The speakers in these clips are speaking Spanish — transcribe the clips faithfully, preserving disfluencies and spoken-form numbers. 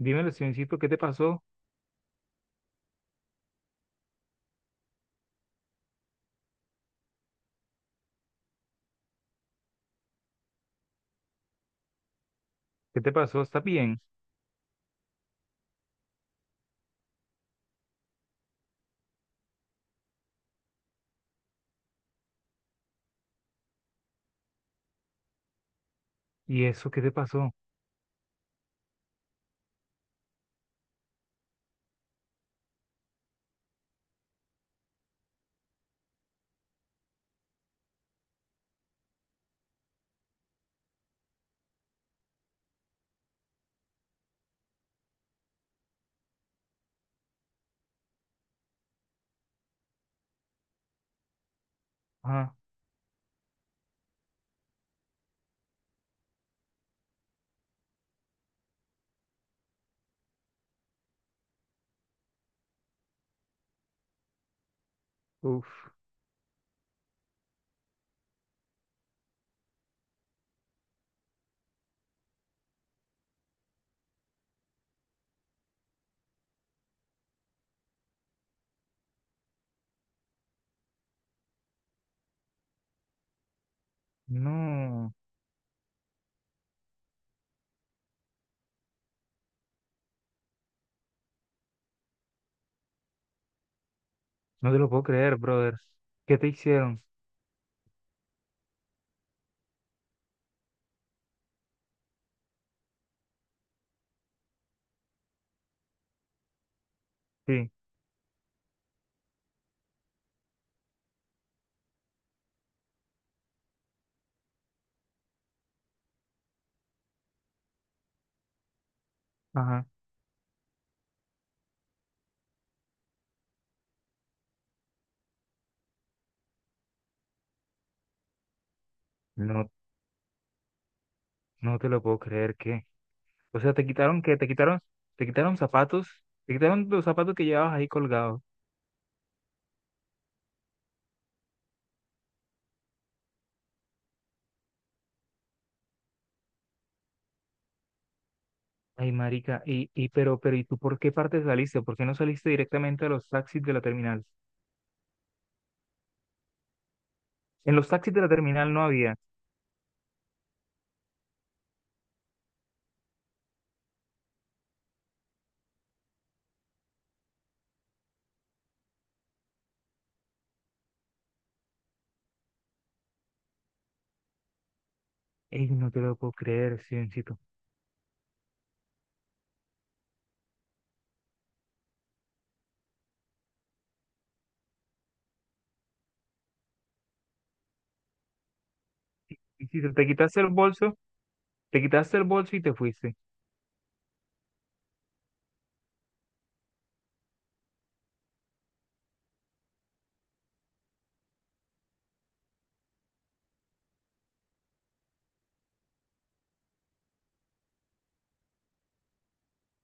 Dímelo, Sioncito, ¿qué te pasó? ¿Qué te pasó? ¿Estás bien? ¿Y eso qué te pasó? Ah, uf, no, no te lo puedo creer, brother. ¿Qué te hicieron? Sí, ajá, no, no te lo puedo creer, ¿qué? O sea, te quitaron, ¿qué? Te quitaron, te quitaron zapatos, te quitaron los zapatos que llevabas ahí colgados. Ay, marica, y, y, pero, pero, ¿y tú por qué parte saliste? ¿Por qué no saliste directamente a los taxis de la terminal? En los taxis de la terminal no había. Ey, no te lo puedo creer, Sioncito. Y si te te quitaste el bolso. Te quitaste el bolso y te fuiste.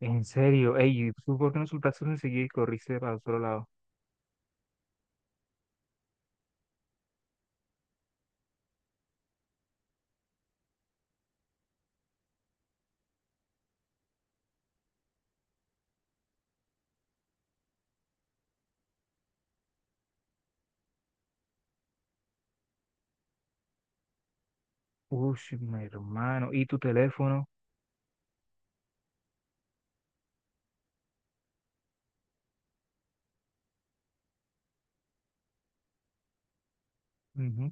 En serio, ey, ¿y tú por qué no soltaste enseguida y corriste para otro lado? ¡Ush, mi hermano! ¿Y tu teléfono? Ujú.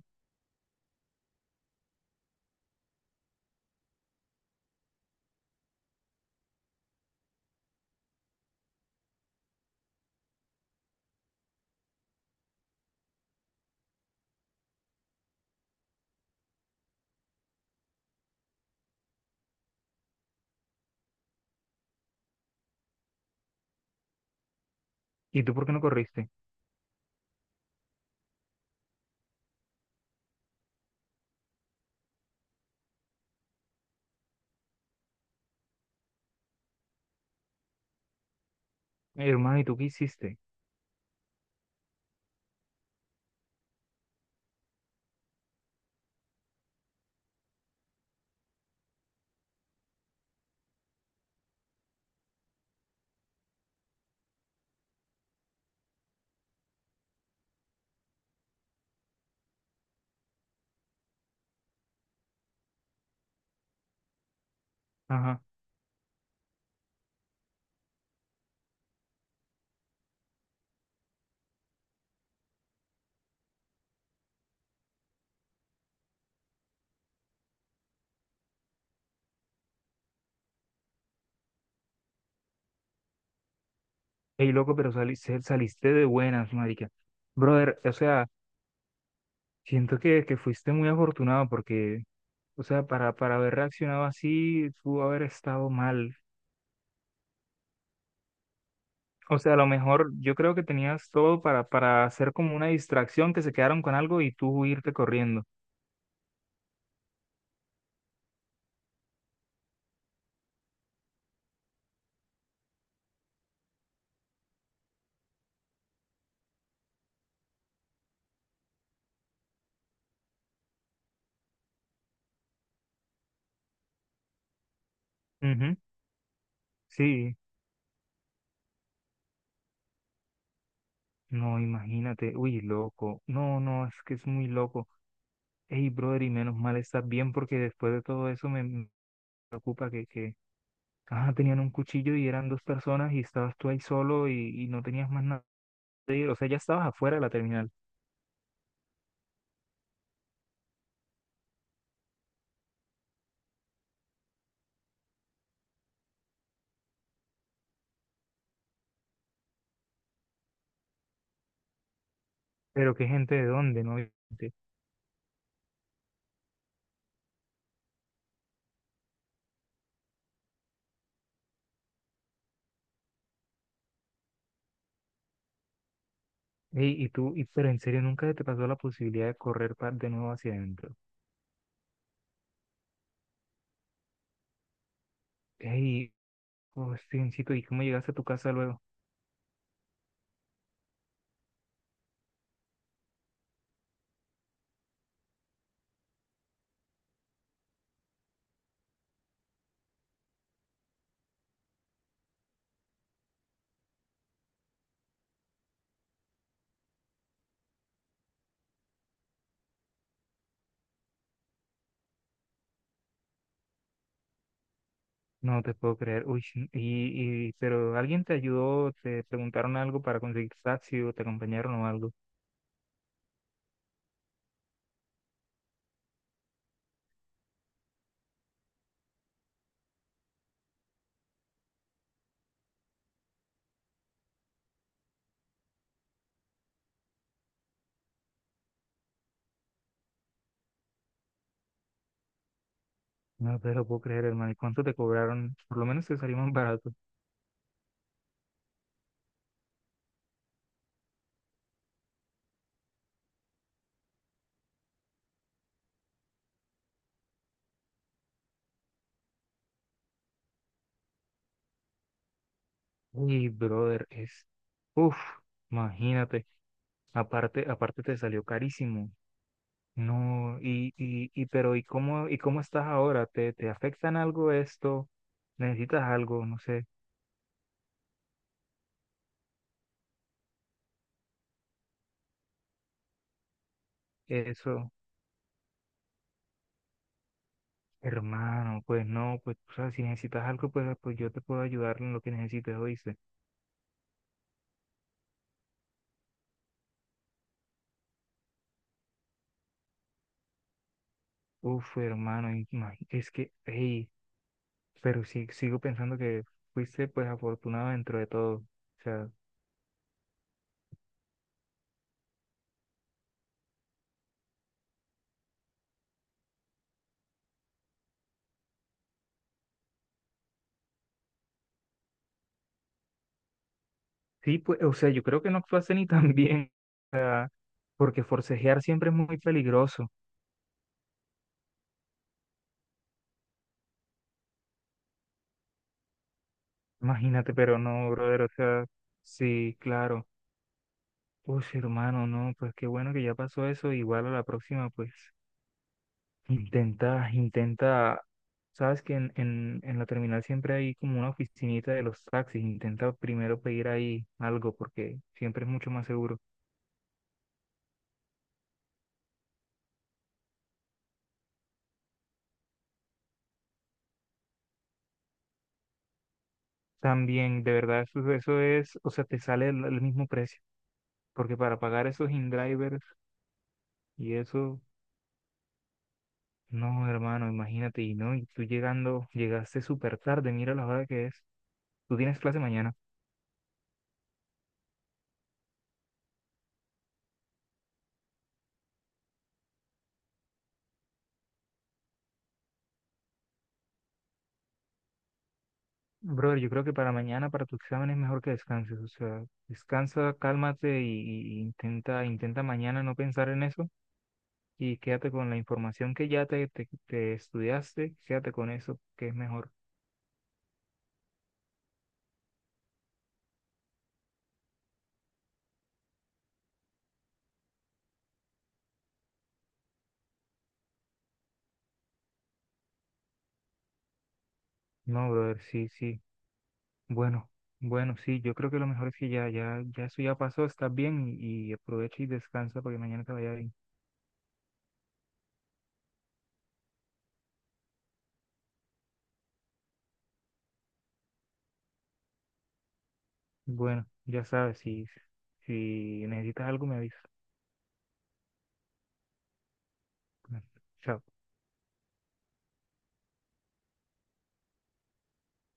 ¿Y tú por qué no corriste? Hermano, ¿y tú qué hiciste? Ajá. Ey, loco, pero sali- se- saliste de buenas, marica. Brother, o sea, siento que, que fuiste muy afortunado porque, o sea, para, para haber reaccionado así, pudo haber estado mal. O sea, a lo mejor yo creo que tenías todo para, para hacer como una distracción, que se quedaron con algo y tú irte corriendo. Ujú. Sí, no, imagínate, uy, loco, no, no, es que es muy loco. Ey, brother, y menos mal estás bien porque después de todo eso me me preocupa que, que, ah tenían un cuchillo y eran dos personas y estabas tú ahí solo y, y no tenías más nada. O sea, ya estabas afuera de la terminal, pero qué gente de dónde, ¿no? Ey, y tú, y, pero en serio, nunca te pasó la posibilidad de correr pa- de nuevo hacia adentro. Ey, oh, Stevencito, ¿y cómo llegaste a tu casa luego? No te puedo creer. Uy, sí, y, y, pero alguien te ayudó, te preguntaron algo para conseguir taxi o te acompañaron o algo. No te lo puedo creer, hermano. ¿Y cuánto te cobraron? Por lo menos te salió más barato. Uy, brother, es. Uf, imagínate. Aparte, aparte te salió carísimo. No, y, y, y, pero, ¿y cómo, y cómo estás ahora? ¿Te, te afectan algo esto? ¿Necesitas algo? No sé. Eso. Hermano, pues no, pues, o sea, si necesitas algo, pues, pues yo te puedo ayudar en lo que necesites, hoy. Uf, hermano, y ma- es que, hey, pero sí, sigo pensando que fuiste pues afortunado dentro de todo. O sea, sí, pues, o sea, yo creo que no actuaste ni tan bien, porque forcejear siempre es muy peligroso. Imagínate, pero no, brother, o sea, sí, claro. Uf, hermano, no, pues qué bueno que ya pasó eso. Igual a la próxima, pues, intenta, intenta, sabes que en, en, en la terminal siempre hay como una oficinita de los taxis. Intenta primero pedir ahí algo, porque siempre es mucho más seguro. También, de verdad, eso, eso es, o sea, te sale el, el mismo precio, porque para pagar esos in-drivers y eso, no, hermano, imagínate, y no, y tú llegando, llegaste súper tarde, mira la hora que es, tú tienes clase mañana. Brother, yo creo que para mañana, para tu examen es mejor que descanses, o sea, descansa, cálmate y, y intenta, intenta mañana no pensar en eso y quédate con la información que ya te, te, te estudiaste, quédate con eso, que es mejor. No, brother, sí, sí. Bueno, bueno, sí, yo creo que lo mejor es que ya, ya, ya eso ya pasó, estás bien y, y aprovecha y descansa porque mañana te vaya bien. Bueno, ya sabes, si, si necesitas algo me avisas. Bueno, chao.